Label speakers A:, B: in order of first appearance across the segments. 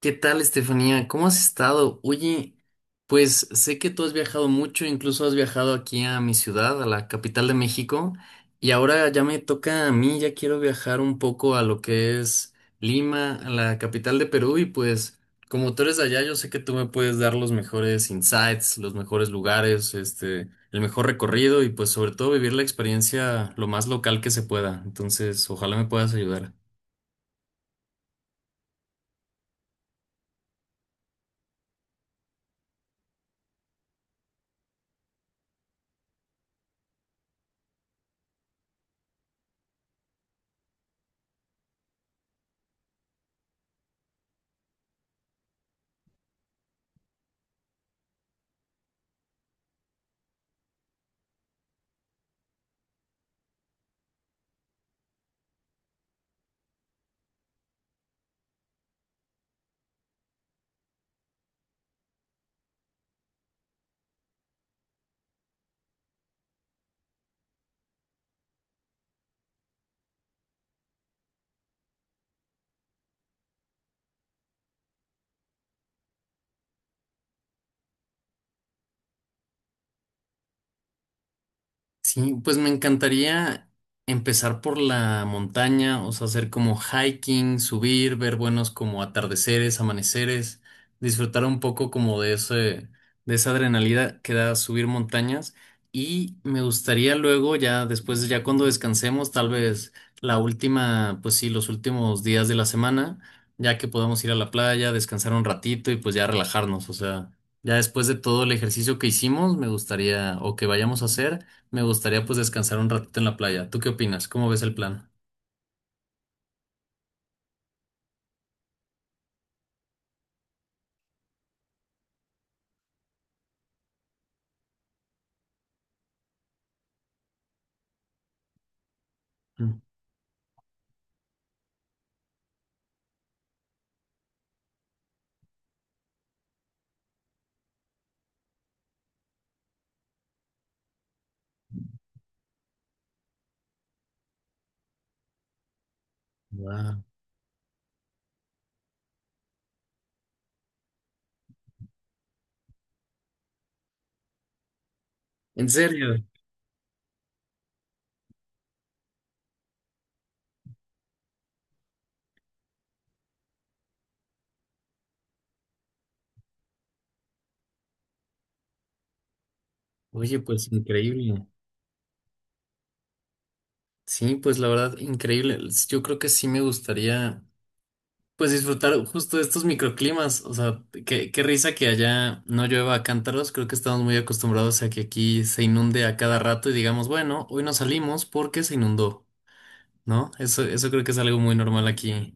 A: ¿Qué tal, Estefanía? ¿Cómo has estado? Oye, pues sé que tú has viajado mucho, incluso has viajado aquí a mi ciudad, a la capital de México, y ahora ya me toca a mí, ya quiero viajar un poco a lo que es Lima, a la capital de Perú, y pues como tú eres de allá, yo sé que tú me puedes dar los mejores insights, los mejores lugares, este, el mejor recorrido y pues sobre todo vivir la experiencia lo más local que se pueda. Entonces, ojalá me puedas ayudar. Sí, pues me encantaría empezar por la montaña, o sea, hacer como hiking, subir, ver buenos como atardeceres, amaneceres, disfrutar un poco como de esa adrenalina que da subir montañas. Y me gustaría luego, ya después, ya cuando descansemos, tal vez la última, pues sí, los últimos días de la semana, ya que podamos ir a la playa, descansar un ratito y pues ya relajarnos, o sea, ya después de todo el ejercicio que hicimos, me gustaría o que vayamos a hacer. Me gustaría pues descansar un ratito en la playa. ¿Tú qué opinas? ¿Cómo ves el plan? Mm. Wow. ¿En serio? Oye, pues increíble. Sí, pues la verdad, increíble. Yo creo que sí me gustaría pues disfrutar justo de estos microclimas. O sea, qué risa que allá no llueva a cántaros. Creo que estamos muy acostumbrados a que aquí se inunde a cada rato y digamos, bueno, hoy no salimos porque se inundó, ¿no? Eso creo que es algo muy normal aquí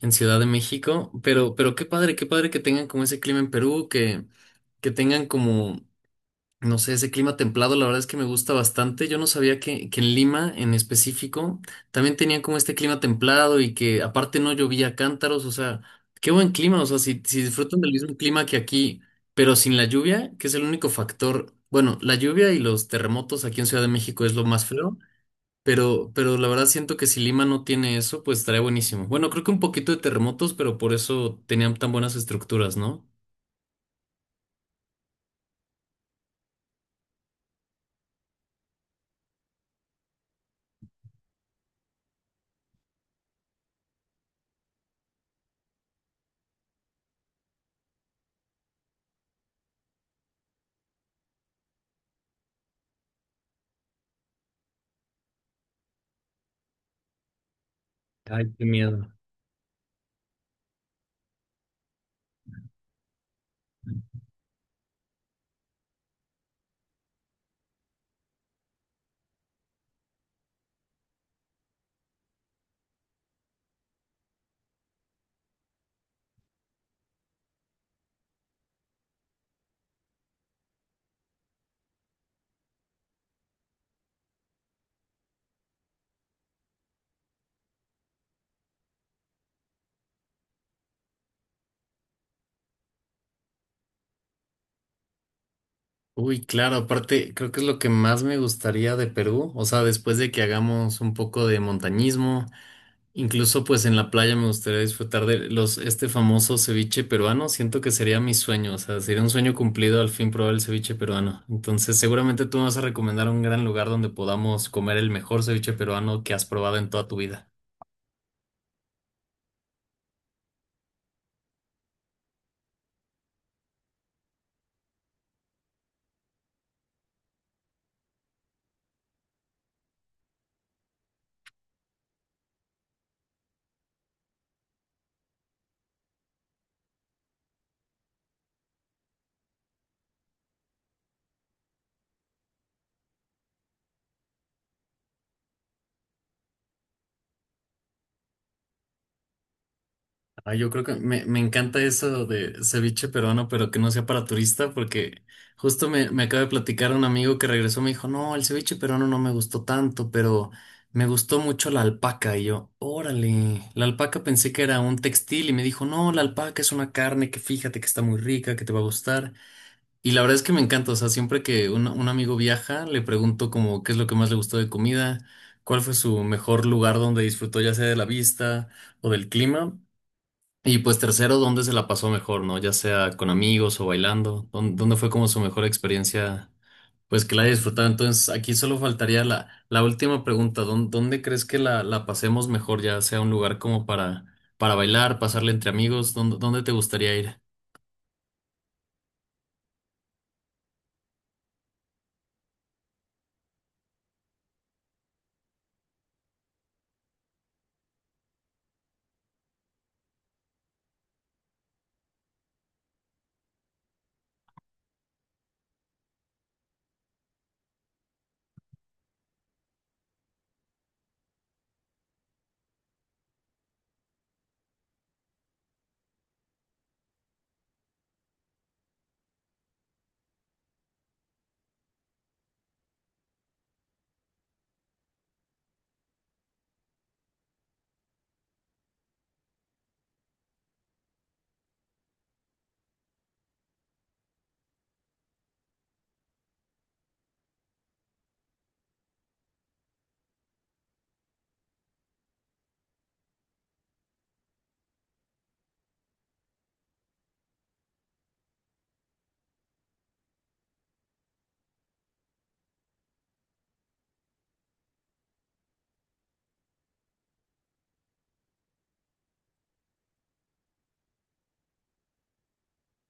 A: en Ciudad de México. Pero qué padre que tengan como ese clima en Perú que tengan como, no sé, ese clima templado, la verdad es que me gusta bastante. Yo no sabía que en Lima, en específico, también tenían como este clima templado y que aparte no llovía a cántaros, o sea, qué buen clima, o sea, si disfrutan del mismo clima que aquí, pero sin la lluvia, que es el único factor, bueno, la lluvia y los terremotos aquí en Ciudad de México es lo más feo. Pero la verdad siento que si Lima no tiene eso, pues estaría buenísimo. Bueno, creo que un poquito de terremotos, pero por eso tenían tan buenas estructuras, ¿no? Ay, qué miedo. Uy, claro, aparte creo que es lo que más me gustaría de Perú, o sea, después de que hagamos un poco de montañismo, incluso pues en la playa me gustaría disfrutar de los famoso ceviche peruano, siento que sería mi sueño, o sea, sería un sueño cumplido al fin probar el ceviche peruano. Entonces, seguramente tú me vas a recomendar un gran lugar donde podamos comer el mejor ceviche peruano que has probado en toda tu vida. Ay, yo creo que me encanta eso de ceviche peruano, pero que no sea para turista, porque justo me acaba de platicar un amigo que regresó, me dijo, no, el ceviche peruano no me gustó tanto, pero me gustó mucho la alpaca. Y yo, órale, la alpaca pensé que era un textil y me dijo, no, la alpaca es una carne que fíjate que está muy rica, que te va a gustar. Y la verdad es que me encanta, o sea, siempre que un amigo viaja, le pregunto como qué es lo que más le gustó de comida, cuál fue su mejor lugar donde disfrutó ya sea de la vista o del clima. Y pues tercero, ¿dónde se la pasó mejor, no? Ya sea con amigos o bailando. ¿Dónde fue como su mejor experiencia? Pues que la haya disfrutado. Entonces, aquí solo faltaría la última pregunta. ¿Dónde crees que la pasemos mejor? Ya sea un lugar como para bailar, pasarle entre amigos. ¿Dónde te gustaría ir?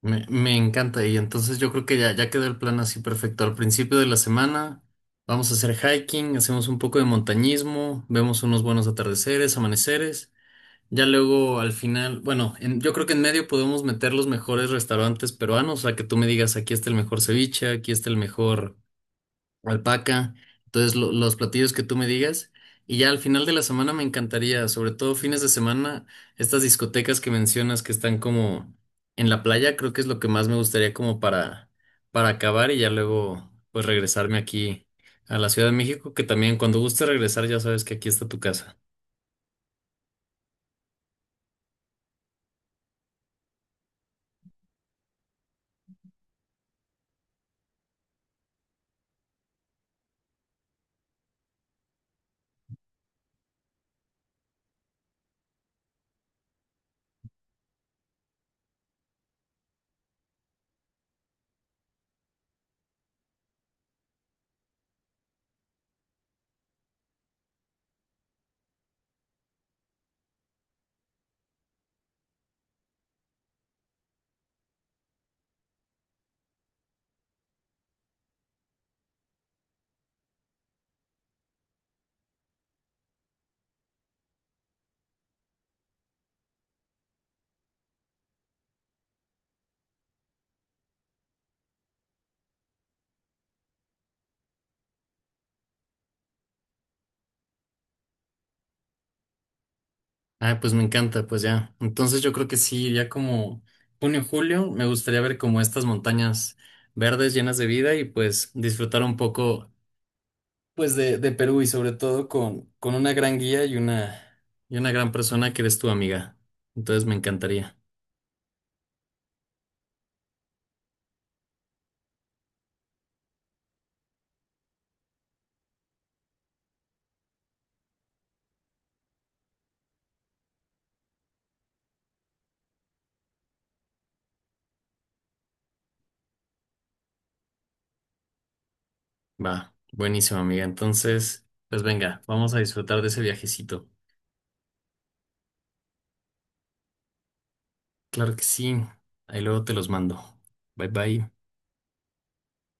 A: Me encanta. Y entonces yo creo que ya quedó el plan así perfecto. Al principio de la semana vamos a hacer hiking, hacemos un poco de montañismo, vemos unos buenos atardeceres, amaneceres. Ya luego al final, bueno, yo creo que en medio podemos meter los mejores restaurantes peruanos, o sea, que tú me digas, aquí está el mejor ceviche, aquí está el mejor alpaca, entonces los platillos que tú me digas. Y ya al final de la semana me encantaría, sobre todo fines de semana, estas discotecas que mencionas que están como en la playa, creo que es lo que más me gustaría como para, acabar y ya luego pues regresarme aquí a la Ciudad de México, que también cuando guste regresar ya sabes que aquí está tu casa. Ah, pues me encanta, pues ya. Entonces yo creo que sí, ya como junio, julio, me gustaría ver como estas montañas verdes llenas de vida y pues disfrutar un poco pues de Perú y sobre todo con una gran guía y y una gran persona que eres tu amiga. Entonces me encantaría. Va, buenísimo amiga. Entonces, pues venga, vamos a disfrutar de ese viajecito. Claro que sí. Ahí luego te los mando. Bye bye.